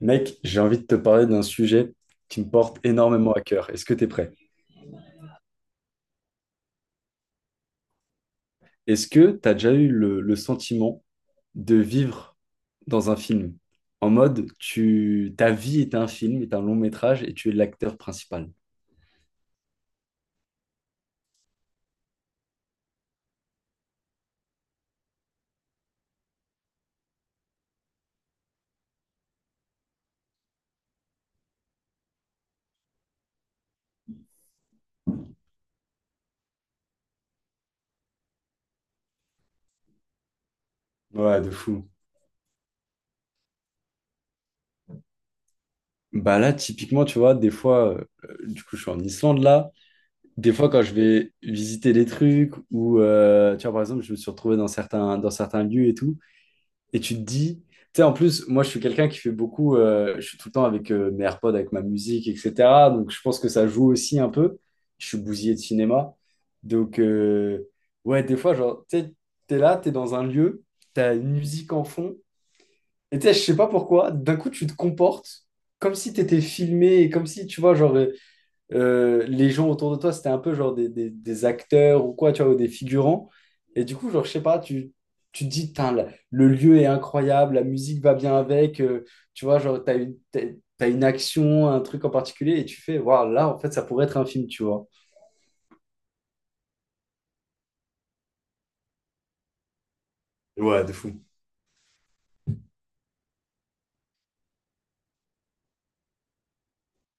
Mec, j'ai envie de te parler d'un sujet qui me porte énormément à cœur. Est-ce que tu es prêt? Est-ce que tu as déjà eu le sentiment de vivre dans un film? En mode, ta vie est un film, est un long métrage et tu es l'acteur principal. Ouais, de fou. Bah là, typiquement, tu vois, des fois, du coup, je suis en Islande là. Des fois, quand je vais visiter des trucs ou, tu vois, par exemple, je me suis retrouvé dans dans certains lieux et tout. Et tu te dis, tu sais, en plus, moi, je suis quelqu'un qui fait beaucoup, je suis tout le temps avec mes AirPods, avec ma musique, etc. Donc, je pense que ça joue aussi un peu. Je suis bousillé de cinéma. Donc, ouais, des fois, genre, tu sais, t'es dans un lieu, t'as une musique en fond. Et tu sais, je sais pas pourquoi, d'un coup, tu te comportes comme si t'étais filmé, et comme si, tu vois, genre, les gens autour de toi, c'était un peu genre des, des acteurs ou quoi, tu vois, ou des figurants. Et du coup, genre, je sais pas, tu te dis, Tain, le lieu est incroyable, la musique va bien avec, tu vois, genre, t'as une action, un truc en particulier, et tu fais, waouh, là, en fait, ça pourrait être un film, tu vois. Ouais, de fou.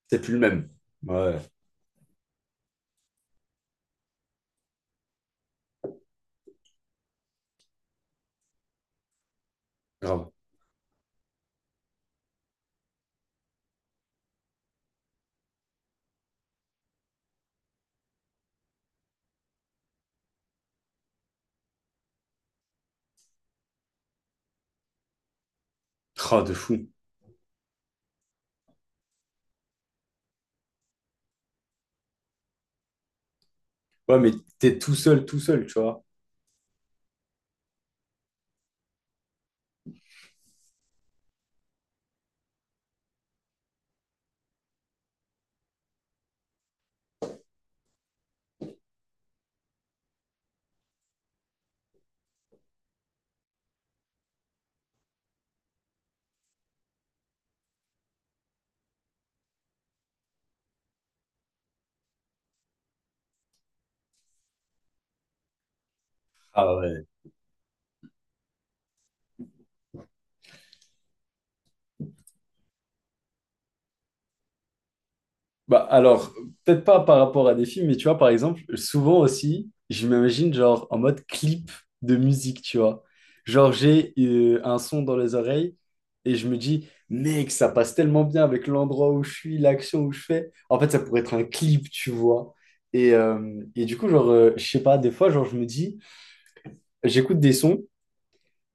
C'est plus le même. Ouais, grave. Oh, de fou. Ouais, mais tout seul, tu vois. Ah ouais. Bah alors, peut-être pas par rapport à des films, mais tu vois, par exemple, souvent aussi, je m'imagine genre en mode clip de musique, tu vois. Genre, j'ai un son dans les oreilles et je me dis, mec, ça passe tellement bien avec l'endroit où je suis, l'action où je fais. En fait, ça pourrait être un clip, tu vois. Et du coup, genre, je sais pas, des fois, genre, je me dis, j'écoute des sons.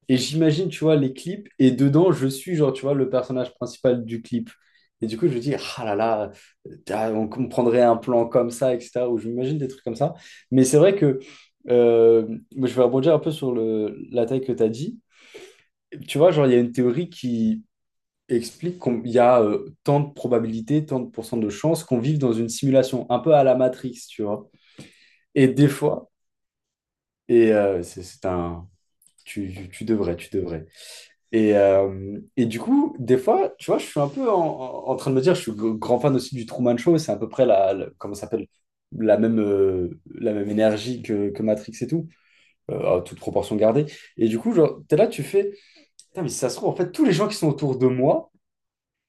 Et j'imagine, tu vois, les clips, et dedans, je suis, genre, tu vois, le personnage principal du clip. Et du coup, je me dis, ah là là, ah, on comprendrait un plan comme ça, etc. Ou je m'imagine des trucs comme ça. Mais c'est vrai que euh, moi, je vais rebondir un peu sur la taille que tu as dit. Tu vois, genre, il y a une théorie qui explique qu'il y a tant de probabilités, tant de pourcents de chances qu'on vive dans une simulation, un peu à la Matrix, tu vois. Et des fois, et c'est un. Tu devrais, tu devrais. Et du coup, des fois, tu vois, je suis un peu en, en train de me dire, je suis grand fan aussi du Truman Show, c'est à peu près comment ça s'appelle, la même énergie que Matrix et tout, à toute proportion gardée. Et du coup, genre, t'es là, tu fais, putain, mais si ça se trouve, en fait, tous les gens qui sont autour de moi,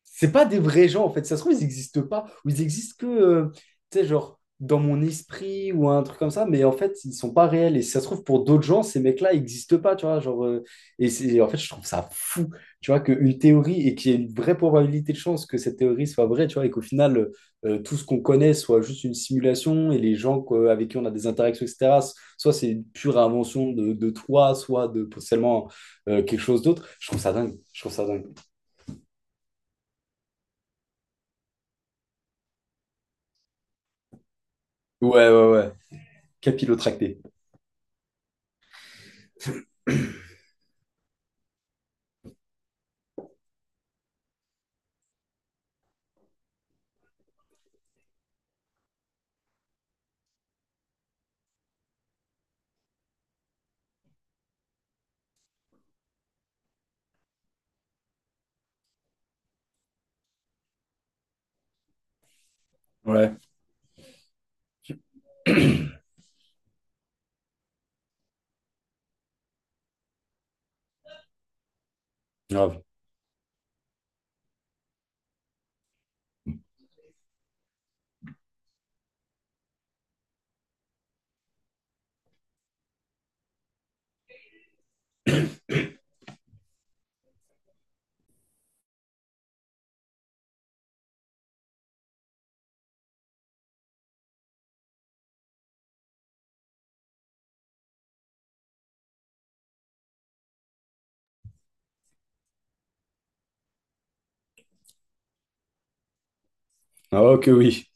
c'est pas des vrais gens en fait. Ça se trouve, ils n'existent pas ou ils existent que, tu sais, genre dans mon esprit ou un truc comme ça, mais en fait, ils sont pas réels. Et si ça se trouve, pour d'autres gens, ces mecs-là n'existent pas, tu vois. Genre, et c'est, en fait, je trouve ça fou, tu vois, qu'une théorie et qu'il y ait une vraie probabilité de chance que cette théorie soit vraie, tu vois, et qu'au final, tout ce qu'on connaît soit juste une simulation et les gens quoi, avec qui on a des interactions, etc., soit c'est une pure invention de toi, soit de potentiellement quelque chose d'autre. Je trouve ça dingue. Je trouve ça dingue. Ouais, ouais, ouais. Capillotracté. Ouais, grave. Ah, ok, oui.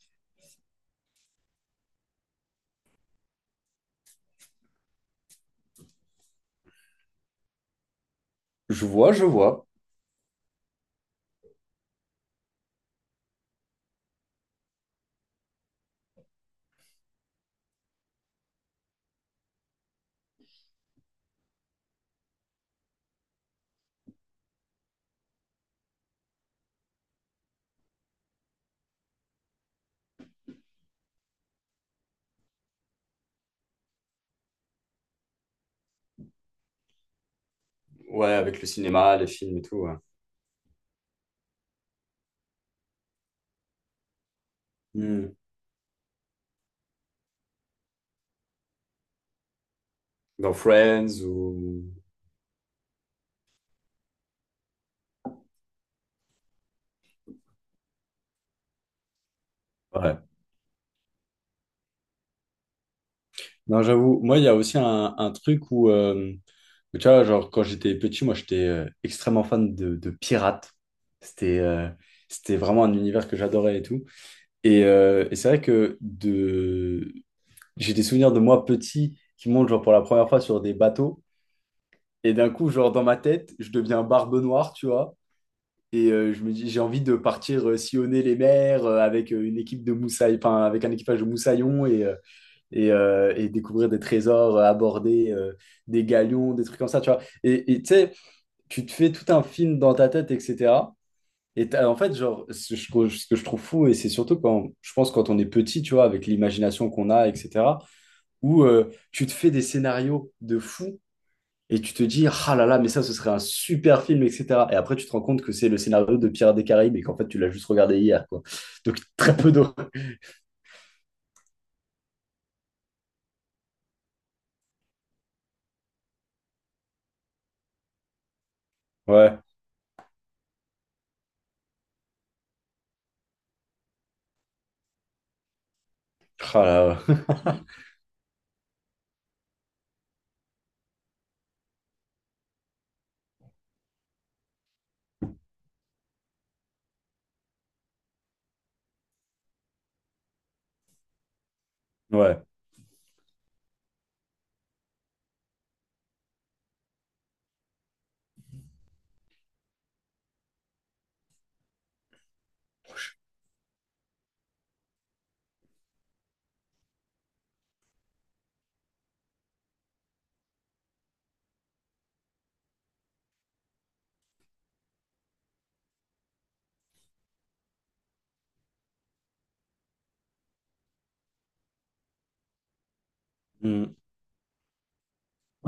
Je vois, je vois. Ouais, avec le cinéma, les films et tout, ouais. Hmm. Dans Friends ou. Ouais. Non, j'avoue, moi, il y a aussi un truc où, où, tu vois, genre, quand j'étais petit, moi, j'étais extrêmement fan de pirates. C'était c'était vraiment un univers que j'adorais et tout. Et c'est vrai que de... j'ai des souvenirs de moi petit qui montent, genre, pour la première fois sur des bateaux. Et d'un coup, genre, dans ma tête, je deviens Barbe Noire, tu vois. Et je me dis, j'ai envie de partir sillonner les mers avec une équipe de moussaillons, enfin, avec un équipage de moussaillons et découvrir des trésors, aborder des galions, des trucs comme ça, tu vois. Et tu sais, tu te fais tout un film dans ta tête, etc. En fait, genre, ce que je trouve fou, et c'est surtout quand, je pense, quand on est petit, tu vois, avec l'imagination qu'on a, etc., où tu te fais des scénarios de fou et tu te dis, ah là là, mais ça, ce serait un super film, etc. Et après, tu te rends compte que c'est le scénario de Pirates des Caraïbes et qu'en fait, tu l'as juste regardé hier, quoi. Donc, très peu d'eau. Ouais. Ah là, ouais. Ouais. Mm.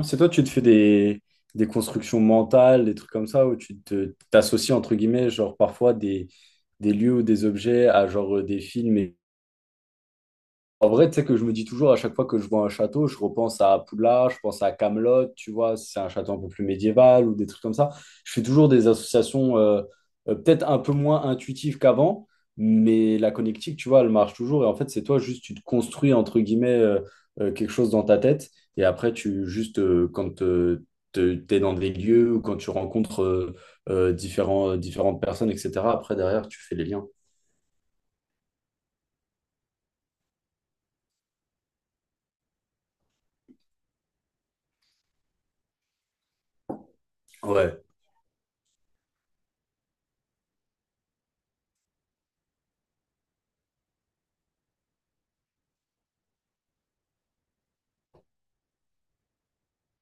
C'est toi, tu te fais des constructions mentales, des trucs comme ça, où t'associes, entre guillemets, genre parfois des lieux ou des objets à genre des films. En vrai, tu sais que je me dis toujours à chaque fois que je vois un château, je repense à Poudlard, je pense à Camelot, tu vois, si c'est un château un peu plus médiéval ou des trucs comme ça. Je fais toujours des associations peut-être un peu moins intuitives qu'avant, mais la connectique, tu vois, elle marche toujours. Et en fait, c'est toi juste, tu te construis entre guillemets quelque chose dans ta tête. Et après, tu juste quand t'es dans des lieux ou quand tu rencontres différents, différentes personnes, etc. Après, derrière, tu fais les liens. Ouais.